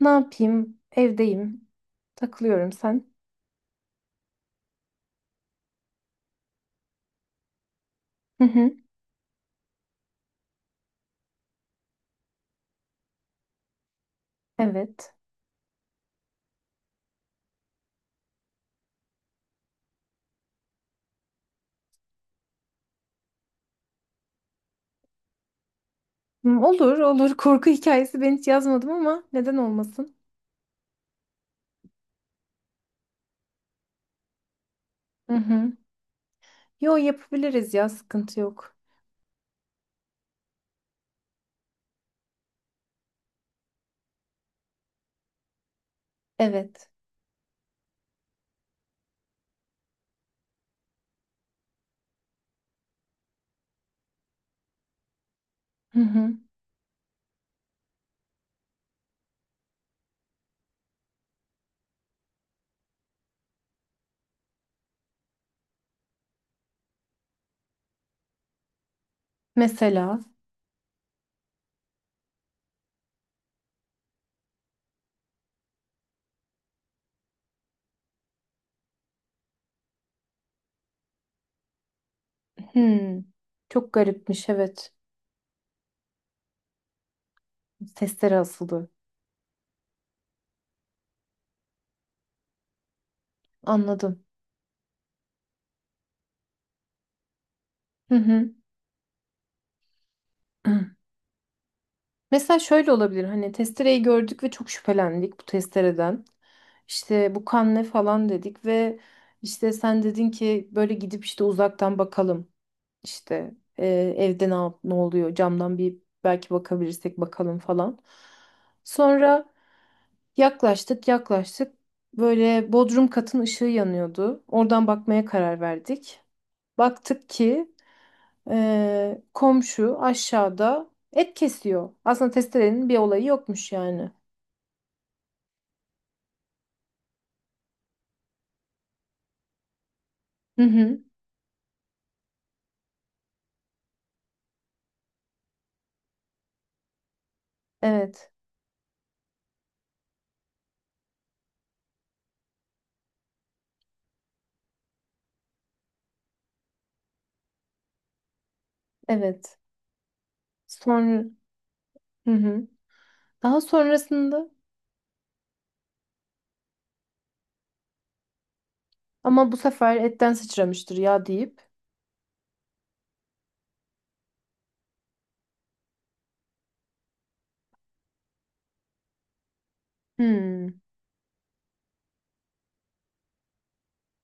Ne yapayım? Evdeyim. Takılıyorum sen. Hı hı. Evet. Hmm, olur, olur. Korku hikayesi ben hiç yazmadım ama neden olmasın? Hı hı. Yo, yapabiliriz ya, sıkıntı yok. Evet. Hı hı. Mesela. Hmm. Çok garipmiş, evet. Testere asılı. Anladım. Hı hı. Hı. Mesela şöyle olabilir. Hani testereyi gördük ve çok şüphelendik bu testereden. İşte bu kan ne falan dedik ve işte sen dedin ki böyle gidip işte uzaktan bakalım. İşte evde ne oluyor, camdan bir belki bakabilirsek bakalım falan. Sonra yaklaştık, böyle bodrum katın ışığı yanıyordu. Oradan bakmaya karar verdik. Baktık ki komşu aşağıda et kesiyor. Aslında testerenin bir olayı yokmuş yani. Hı hı. Evet. Evet. Sonra, hı hı. Daha sonrasında, ama bu sefer etten sıçramıştır ya deyip. Hmm,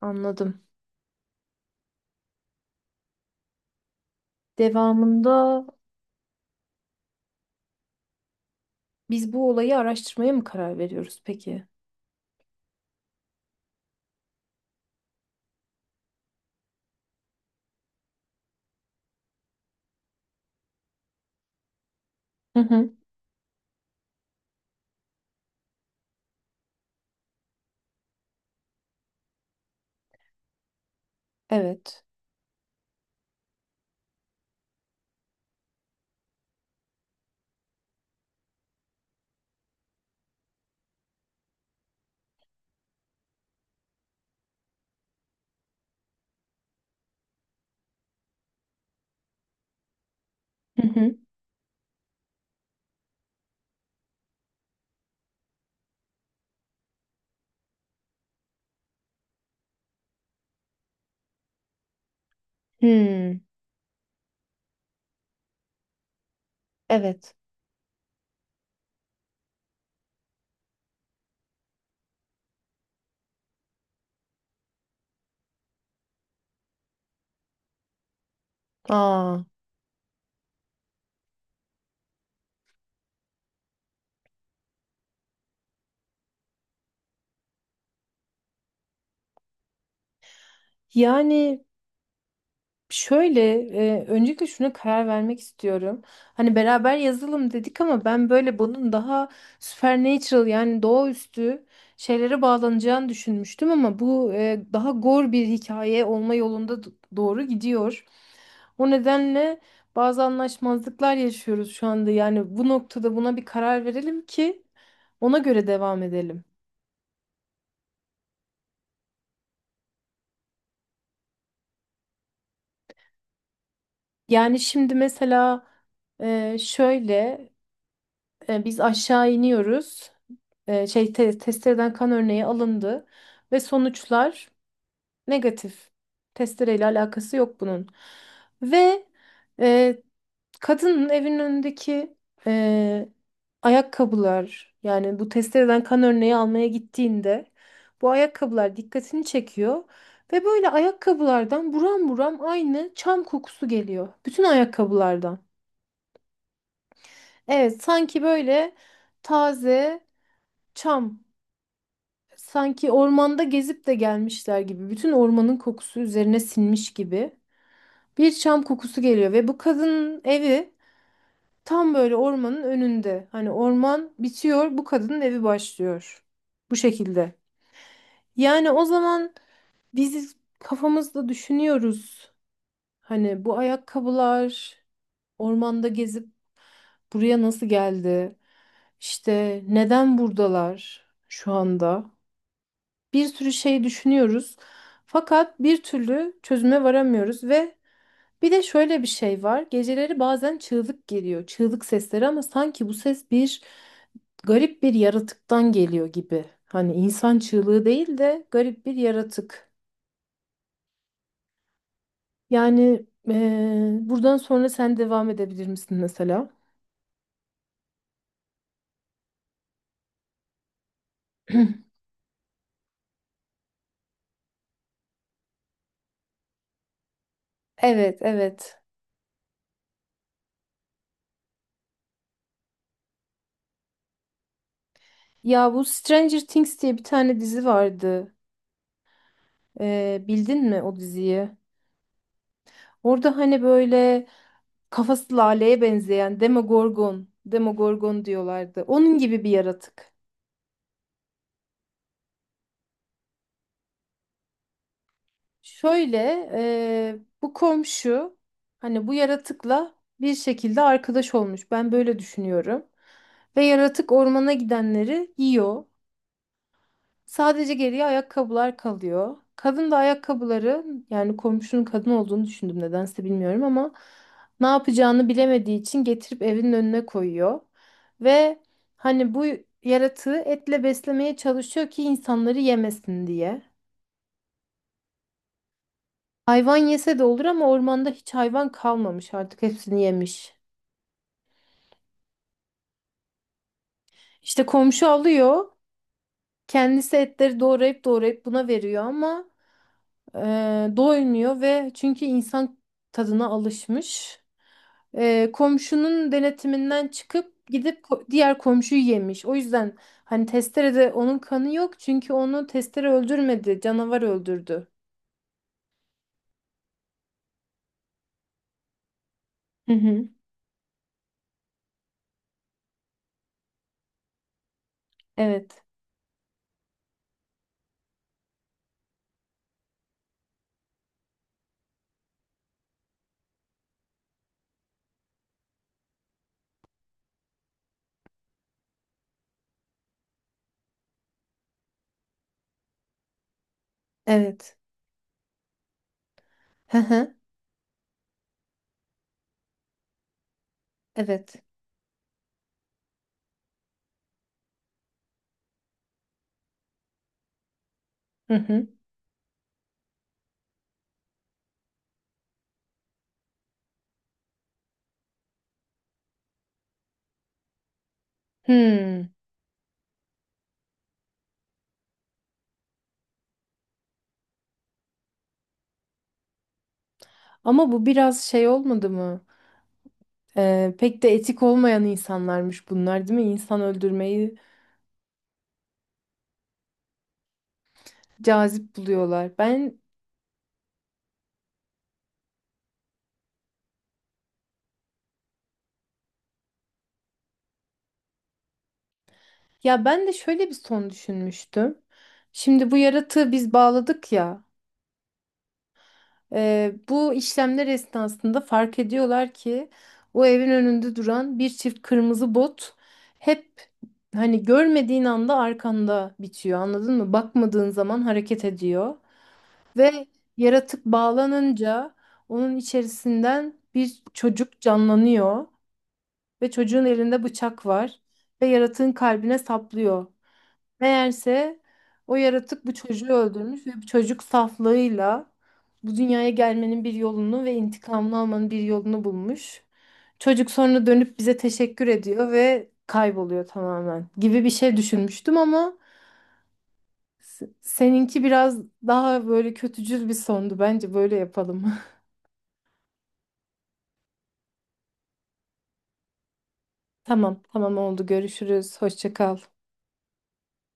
anladım. Devamında biz bu olayı araştırmaya mı karar veriyoruz peki? Hı hı. Evet. Hı hı. Hmm. Evet. Aa. Yani şöyle, öncelikle şuna karar vermek istiyorum. Hani beraber yazalım dedik ama ben böyle bunun daha supernatural, yani doğaüstü şeylere bağlanacağını düşünmüştüm ama bu daha gore bir hikaye olma yolunda doğru gidiyor. O nedenle bazı anlaşmazlıklar yaşıyoruz şu anda. Yani bu noktada buna bir karar verelim ki ona göre devam edelim. Yani şimdi mesela şöyle. Biz aşağı iniyoruz. Testereden kan örneği alındı ve sonuçlar negatif. Testereyle alakası yok bunun. Ve e, kadının evinin önündeki e, ayakkabılar, yani bu testereden kan örneği almaya gittiğinde bu ayakkabılar dikkatini çekiyor ve böyle ayakkabılardan buram buram aynı çam kokusu geliyor. Bütün ayakkabılardan. Evet, sanki böyle taze çam. Sanki ormanda gezip de gelmişler gibi. Bütün ormanın kokusu üzerine sinmiş gibi. Bir çam kokusu geliyor ve bu kadının evi tam böyle ormanın önünde. Hani orman bitiyor, bu kadının evi başlıyor. Bu şekilde. Yani o zaman biz kafamızda düşünüyoruz. Hani bu ayakkabılar ormanda gezip buraya nasıl geldi? İşte neden buradalar şu anda? Bir sürü şey düşünüyoruz. Fakat bir türlü çözüme varamıyoruz ve bir de şöyle bir şey var. Geceleri bazen çığlık geliyor. Çığlık sesleri, ama sanki bu ses bir garip bir yaratıktan geliyor gibi. Hani insan çığlığı değil de garip bir yaratık. Yani buradan sonra sen devam edebilir misin mesela? Evet, evet. Ya bu Stranger Things diye bir tane dizi vardı. Bildin mi o diziyi? Orada hani böyle kafası laleye benzeyen Demogorgon, Demogorgon diyorlardı. Onun gibi bir yaratık. Şöyle, bu komşu hani bu yaratıkla bir şekilde arkadaş olmuş. Ben böyle düşünüyorum. Ve yaratık ormana gidenleri yiyor. Sadece geriye ayakkabılar kalıyor. Kadın da ayakkabıları, yani komşunun kadın olduğunu düşündüm nedense bilmiyorum, ama ne yapacağını bilemediği için getirip evinin önüne koyuyor. Ve hani bu yaratığı etle beslemeye çalışıyor ki insanları yemesin diye. Hayvan yese de olur ama ormanda hiç hayvan kalmamış, artık hepsini yemiş. İşte komşu alıyor, kendisi etleri doğrayıp doğrayıp buna veriyor ama e, doymuyor ve çünkü insan tadına alışmış. Komşunun denetiminden çıkıp gidip diğer komşuyu yemiş. O yüzden hani testerede onun kanı yok, çünkü onu testere öldürmedi, canavar öldürdü. Hı hı. Evet. Evet. Hı hı. Evet. Hı hı. Hmm. Ama bu biraz şey olmadı mı? Pek de etik olmayan insanlarmış bunlar, değil mi? İnsan öldürmeyi cazip buluyorlar. Ben. Ya ben de şöyle bir son düşünmüştüm. Şimdi bu yaratığı biz bağladık ya. Bu işlemler esnasında fark ediyorlar ki o evin önünde duran bir çift kırmızı bot hep, hani görmediğin anda arkanda bitiyor. Anladın mı? Bakmadığın zaman hareket ediyor ve yaratık bağlanınca onun içerisinden bir çocuk canlanıyor ve çocuğun elinde bıçak var ve yaratığın kalbine saplıyor. Meğerse o yaratık bu çocuğu öldürmüş ve bu çocuk saflığıyla bu dünyaya gelmenin bir yolunu ve intikamını almanın bir yolunu bulmuş. Çocuk sonra dönüp bize teşekkür ediyor ve kayboluyor tamamen, gibi bir şey düşünmüştüm ama seninki biraz daha böyle kötücül bir sondu. Bence böyle yapalım. Tamam, tamam oldu. Görüşürüz. Hoşça kal.